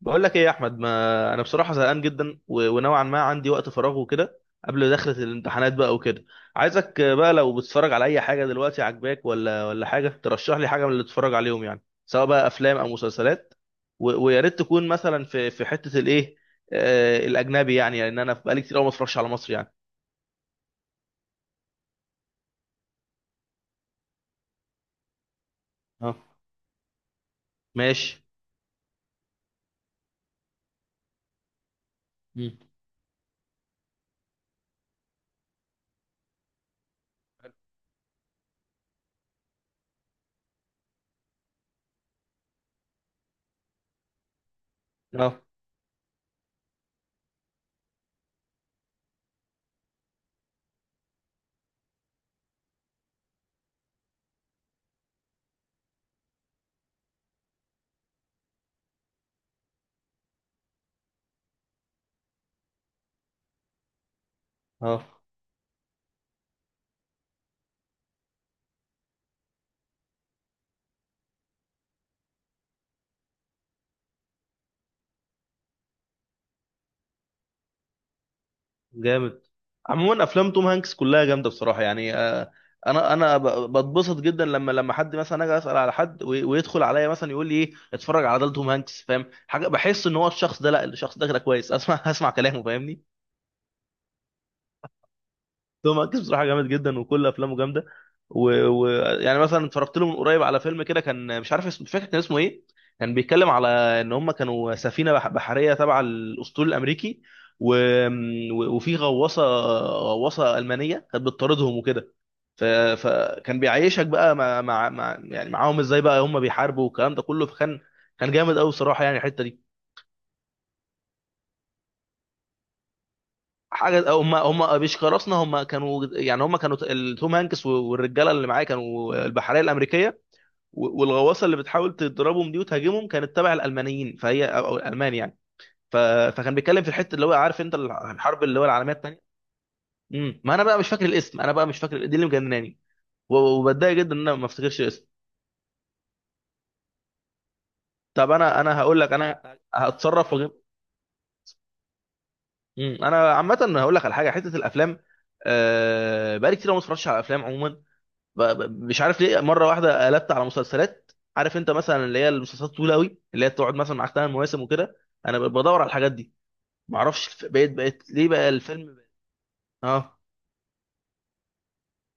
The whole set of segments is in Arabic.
بقول لك ايه يا احمد؟ ما انا بصراحه زهقان جدا ونوعا ما عندي وقت فراغ وكده قبل دخلة الامتحانات بقى وكده. عايزك بقى لو بتتفرج على اي حاجه دلوقتي عجباك ولا حاجه ترشح لي حاجه من اللي تتفرج عليهم، يعني سواء بقى افلام او مسلسلات. ويا ريت تكون مثلا في حته الايه، آه الاجنبي يعني، لان انا بقالي كتير قوي ما اتفرجش على مصر يعني. اه. ماشي. مم. اه. اه. جامد. عموما افلام توم هانكس كلها جامده بصراحه يعني. انا بتبسط جدا لما حد مثلا اجي اسال على حد ويدخل عليا مثلا يقول لي ايه، اتفرج على ده توم هانكس، فاهم حاجه. بحس ان هو الشخص ده، لا الشخص ده كده كويس اسمع اسمع كلامه، فاهمني. توم هانكس بصراحه جامد جدا وكل افلامه جامده. ويعني و... و- يعني مثلا اتفرجت له من قريب على فيلم كده، كان مش عارف اسمه، مش فاكر كان اسمه ايه. كان بيتكلم على ان هم كانوا سفينه بحريه تبع الاسطول الامريكي و... وفي غواصه، غواصه المانيه كانت بتطاردهم وكده. ف... فكان بيعيشك بقى يعني معاهم ازاي بقى هم بيحاربوا والكلام ده كله. فكان كان جامد قوي بصراحه يعني الحته دي. حاجه هم بيشكرسنا، هم كانوا يعني هم كانوا توم هانكس والرجاله اللي معاه كانوا البحريه الامريكيه والغواصه اللي بتحاول تضربهم دي وتهاجمهم كانت تبع الالمانيين، فهي أو الالمان يعني. ف... فكان بيتكلم في الحته اللي هو، عارف انت، الحرب اللي هو العالميه الثانيه. ما انا بقى مش فاكر الاسم، انا بقى مش فاكر دي اللي مجنناني وبتضايق جدا ان انا ما افتكرش الاسم. طب انا هقول لك انا هتصرف وأجيب-. مم. انا عامه هقول لك على حاجه حته الافلام، بقالي كتير أوي ما اتفرجتش على افلام عموما. مش عارف ليه مره واحده قلبت على مسلسلات. عارف انت مثلا اللي هي المسلسلات طويله قوي، اللي هي تقعد مثلا معاك ثمان مواسم وكده. انا بدور على الحاجات دي. ما اعرفش بقيت، بقيت ليه بقى الفيلم، بقيت. اه.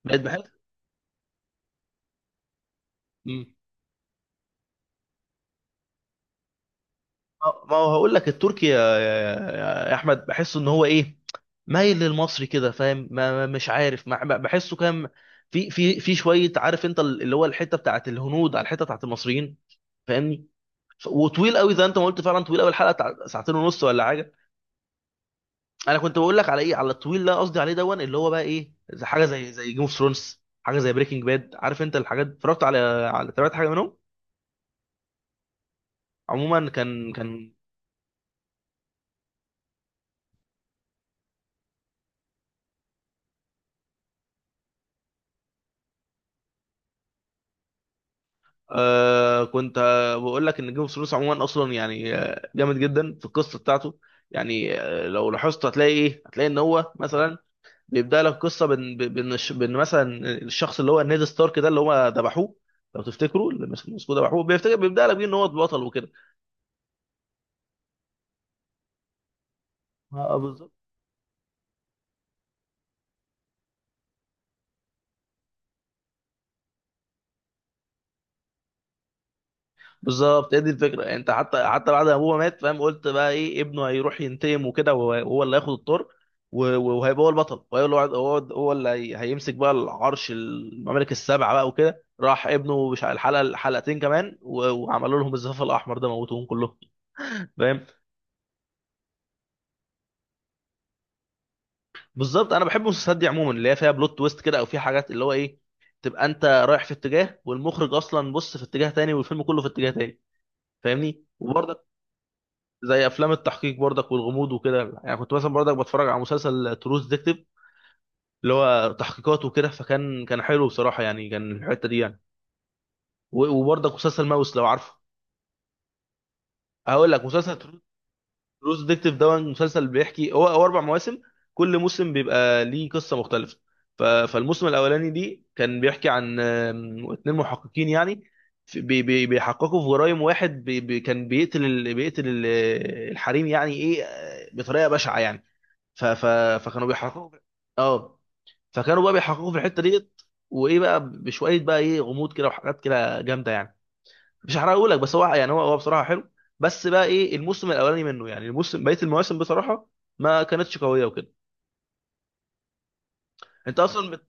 بقيت بحس. مم. ما ما هو هقول لك التركي يا احمد، بحس ان هو ايه، مايل للمصري كده فاهم، مش عارف، بحسه كام في شويه، عارف انت، اللي هو الحته بتاعت الهنود على الحته بتاعت المصريين، فاهمني. وطويل قوي زي انت ما قلت، فعلا طويل قوي الحلقه بتاع ساعتين ونص ولا حاجه. انا كنت بقول لك على ايه، على الطويل اللي أنا قصدي عليه دون اللي هو بقى ايه، زي حاجه زي جيم اوف ثرونز، حاجه زي بريكنج باد، عارف انت الحاجات. اتفرجت على على تابعت حاجه منهم. عموما كان كان، آه كنت آه بقول لك ان جيم اوف ثرونز عموما اصلا يعني آه جامد جدا في القصه بتاعته. يعني آه لو لاحظت هتلاقي ايه، هتلاقي ان هو مثلا بيبدا لك قصه بان بان مثلا الشخص اللي هو نيد ستارك ده اللي هو ذبحوه. لو تفتكروا اللي مسكوه ذبحوه، بيفتكر بيبدا لك بيه ان هو البطل وكده. بالظبط. بالظبط هي دي الفكره يعني انت حتى بعد ما ابوه مات فاهم، قلت بقى ايه ابنه هيروح ينتقم وكده وهو اللي هياخد الطار وهيبقى هو البطل، وهو اللي هو اللي هيمسك بقى العرش، الممالك السبعه بقى وكده. راح ابنه مش على الحلقه حلقتين كمان وعملوا لهم الزفاف الاحمر ده، موتوهم كلهم. فاهم. بالظبط انا بحب المسلسلات دي عموما اللي هي فيها بلوت تويست كده، او فيها حاجات اللي هو ايه، تبقى انت رايح في اتجاه والمخرج اصلا بص في اتجاه تاني، والفيلم كله في اتجاه تاني، فاهمني. وبرضه زي افلام التحقيق برضك والغموض وكده يعني، كنت مثلا برضك بتفرج على مسلسل تروز ديكتيف اللي هو تحقيقات وكده. فكان كان حلو بصراحه يعني، كان الحته دي يعني. وبرضك مسلسل ماوس لو عارفه. هقول لك مسلسل. تروز ديكتيف ده مسلسل بيحكي، هو اربع مواسم، كل موسم بيبقى ليه قصه مختلفه. فالموسم الاولاني دي كان بيحكي عن اتنين محققين يعني، بيحققوا في جرائم، واحد كان بيقتل بيقتل الحريم يعني ايه بطريقه بشعه يعني. ف... ف... فكانوا بيحققوا في-. اه. فكانوا بقى بيحققوا في الحته ديت، وايه بقى بشويه بقى ايه، غموض كده وحاجات كده جامده يعني، مش هحرقه لك، بس هو يعني هو هو بصراحه حلو. بس بقى ايه الموسم الاولاني منه يعني الموسم، بقيه المواسم بصراحه ما كانتش قويه وكده. انت اصلا بت....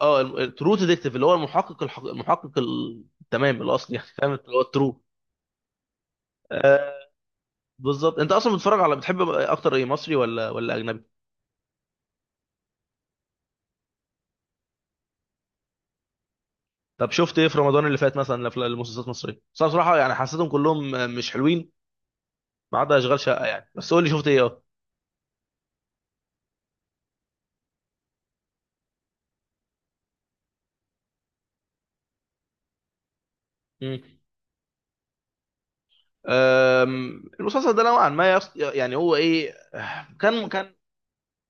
اه الترو ديتكتيف اللي هو المحقق المحقق التمام الاصلي يعني فاهم اللي هو الترو. آه. بالظبط. انت اصلا بتتفرج على، بتحب اكتر ايه، مصري ولا اجنبي؟ طب شفت ايه في رمضان اللي فات مثلا؟ الأفلام- المسلسلات المصريه بس أنا بصراحه يعني حسيتهم كلهم مش حلوين، ما عدا اشغال شقه يعني. بس قول لي شفت ايه؟ اه. مم. المسلسل ده نوعا ما يص... يعني هو ايه، كان كان،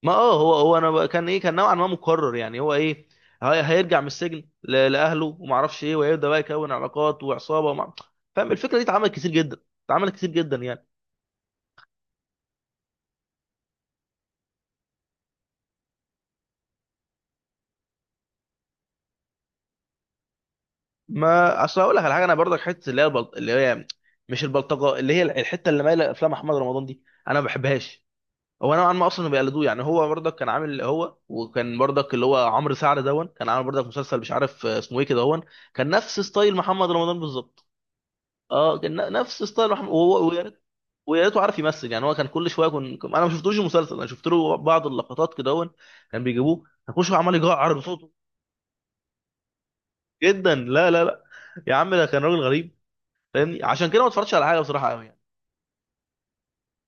ما اه هو هو انا بقى-، كان ايه، كان نوعا ما مكرر يعني هو ايه. هيرجع من السجن لاهله وما اعرفش ايه، وهيبدا بقى يكون علاقات وعصابه ومع.... فاهم الفكره دي اتعملت كتير جدا، اتعملت كتير جدا يعني. ما اصل هقول لك على حاجه، انا برضك حته اللي هي البلط...، اللي هي مش البلطجه، اللي هي الحته اللي مايله افلام احمد رمضان دي، انا ما بحبهاش. هو نوعا ما اصلا بيقلدوه يعني، هو برضك كان عامل، هو وكان برضك اللي هو عمرو سعد دون كان عامل برضك مسلسل مش عارف اسمه ايه كده هون، كان نفس ستايل محمد رمضان بالظبط. اه كان نفس ستايل محمد. وهو ويا ريت ويا ريته عارف يمثل يعني، هو كان كل شويه انا ما شفتوش المسلسل، انا شفت له بعض اللقطات كده هون كان بيجيبوه، كان كل شويه عمال يجعر بصوته جدا. لا يا عم ده كان راجل غريب فاهمني، عشان كده ما اتفرجتش على حاجه بصراحه قوي يعني،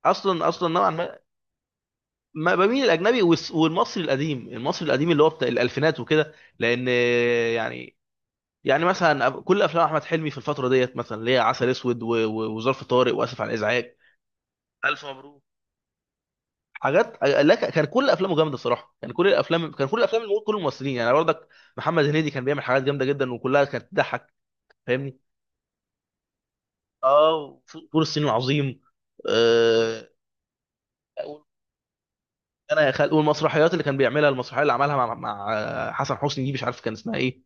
اصلا اصلا نوعا ما. ما بميل الاجنبي والمصري القديم، المصري القديم اللي هو بتاع الالفينات وكده لان يعني. يعني مثلا كل افلام احمد حلمي في الفتره ديت، مثلا اللي هي عسل اسود وظرف طارق واسف على الازعاج، الف مبروك، حاجات، لا ك- كان كل افلامه جامده الصراحه، كان كل الافلام، كان كل الافلام كل الممثلين يعني برضك، محمد هنيدي كان بيعمل حاجات جامده جدا وكلها كانت تضحك، فاهمني. اه فول الصين العظيم. آه، انا يا خال والمسرحيات اللي كان بيعملها، المسرحيه اللي عملها مع حسن حسني دي مش عارف كان اسمها ايه.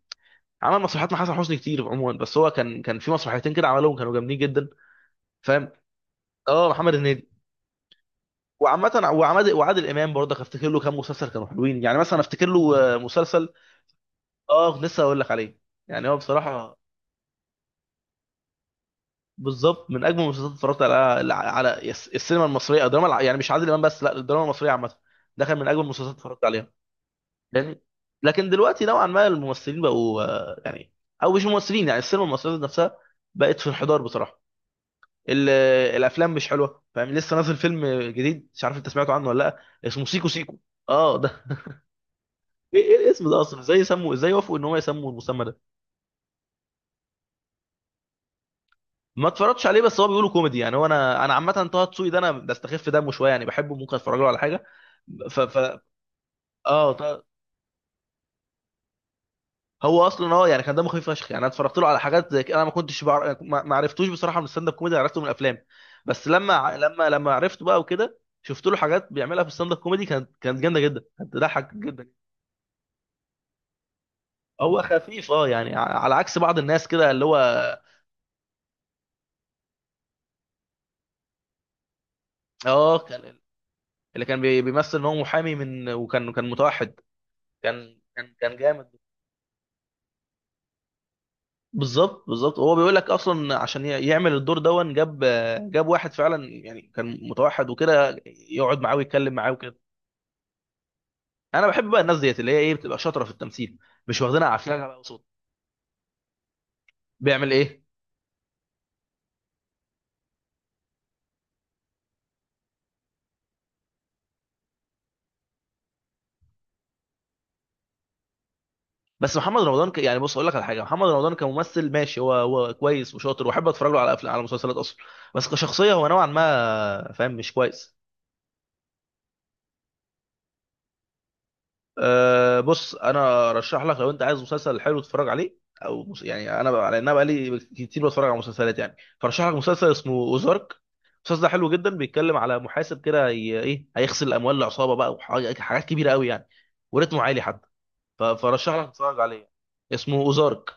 عمل مسرحيات مع حسن حسني كتير عموما، بس هو كان كان في مسرحيتين كده عملهم كانوا جامدين جدا فاهم. اه محمد هنيدي. وعامة وعماد وعادل امام برضه افتكر له كام مسلسل كانوا حلوين، يعني مثلا افتكر له مسلسل. اه لسه هقول لك عليه يعني هو بصراحة، بالظبط من اجمل المسلسلات اللي اتفرجت على على السينما المصرية او الدراما يعني مش عادل امام بس، لا الدراما المصرية عامة، ده كان من اجمل المسلسلات اللي اتفرجت عليها لان. لكن دلوقتي نوعا ما الممثلين بقوا يعني، او مش ممثلين، يعني السينما المصرية نفسها بقت في انحدار بصراحة. ال- الافلام مش حلوه فاهم، لسه نازل فيلم جديد مش عارف انت سمعته عنه ولا لا، اسمه سيكو سيكو. اه ده ايه إيه الاسم ده اصلا، ازاي يسموا، ازاي وافقوا ان هو يسموا المسمى ده. ما اتفرجتش عليه بس هو بيقولوا كوميدي يعني، هو انا انا عامه طه دسوقي ده انا بستخف دمه شويه يعني بحبه ممكن اتفرج له على حاجه. ف ف اه طه-، هو اصلا اه يعني كان دمه خفيف فشخ يعني، انا اتفرجت له على حاجات زي كده، انا ما كنتش بعرف ما ما عرفتوش بصراحه من الستاند اب كوميدي، عرفته من الافلام. بس لما ع- لما لما عرفته بقى وكده، شفت له حاجات بيعملها في الستاند اب كوميدي كانت كانت جامده جدا كانت تضحك جدا. هو خفيف اه يعني على عكس بعض الناس كده اللي هو. اه كان اللي كان بيمثل ان هو محامي من، وكان كان متوحد، كان كان جامد. بالظبط بالظبط هو بيقول لك اصلا عشان يعمل الدور دون، جاب جاب واحد فعلا يعني كان متوحد وكده، يقعد معاه ويتكلم معاه وكده. انا بحب بقى الناس ديت اللي هي ايه بتبقى شاطره في التمثيل، مش واخدينها عافيه بقى وصوت. بيعمل ايه؟ بس محمد رمضان ك...، يعني بص اقول لك على حاجه، محمد رمضان كممثل ماشي، هو هو كويس وشاطر واحب اتفرج له على افلام على مسلسلات اصلا، بس كشخصيه هو نوعا ما فاهم مش كويس. أه بص انا ارشح لك لو انت عايز مسلسل حلو تتفرج عليه، او يعني انا بقى-، لان انا بقالي كتير بتفرج على مسلسلات يعني، فرشح لك مسلسل اسمه اوزارك. المسلسل ده حلو جدا، بيتكلم على محاسب كده ايه هيغسل اموال العصابه بقى وحاجات كبيره قوي يعني، وريتمه عالي حتى. فرشح لك تتفرج عليه. اسمه اوزارك.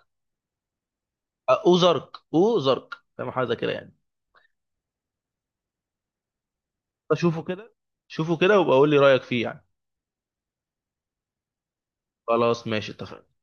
اوزارك اوزارك فاهم حاجه كده يعني. اشوفه كده، شوفه كده وابقى قول لي رايك فيه يعني. خلاص ماشي اتفقنا.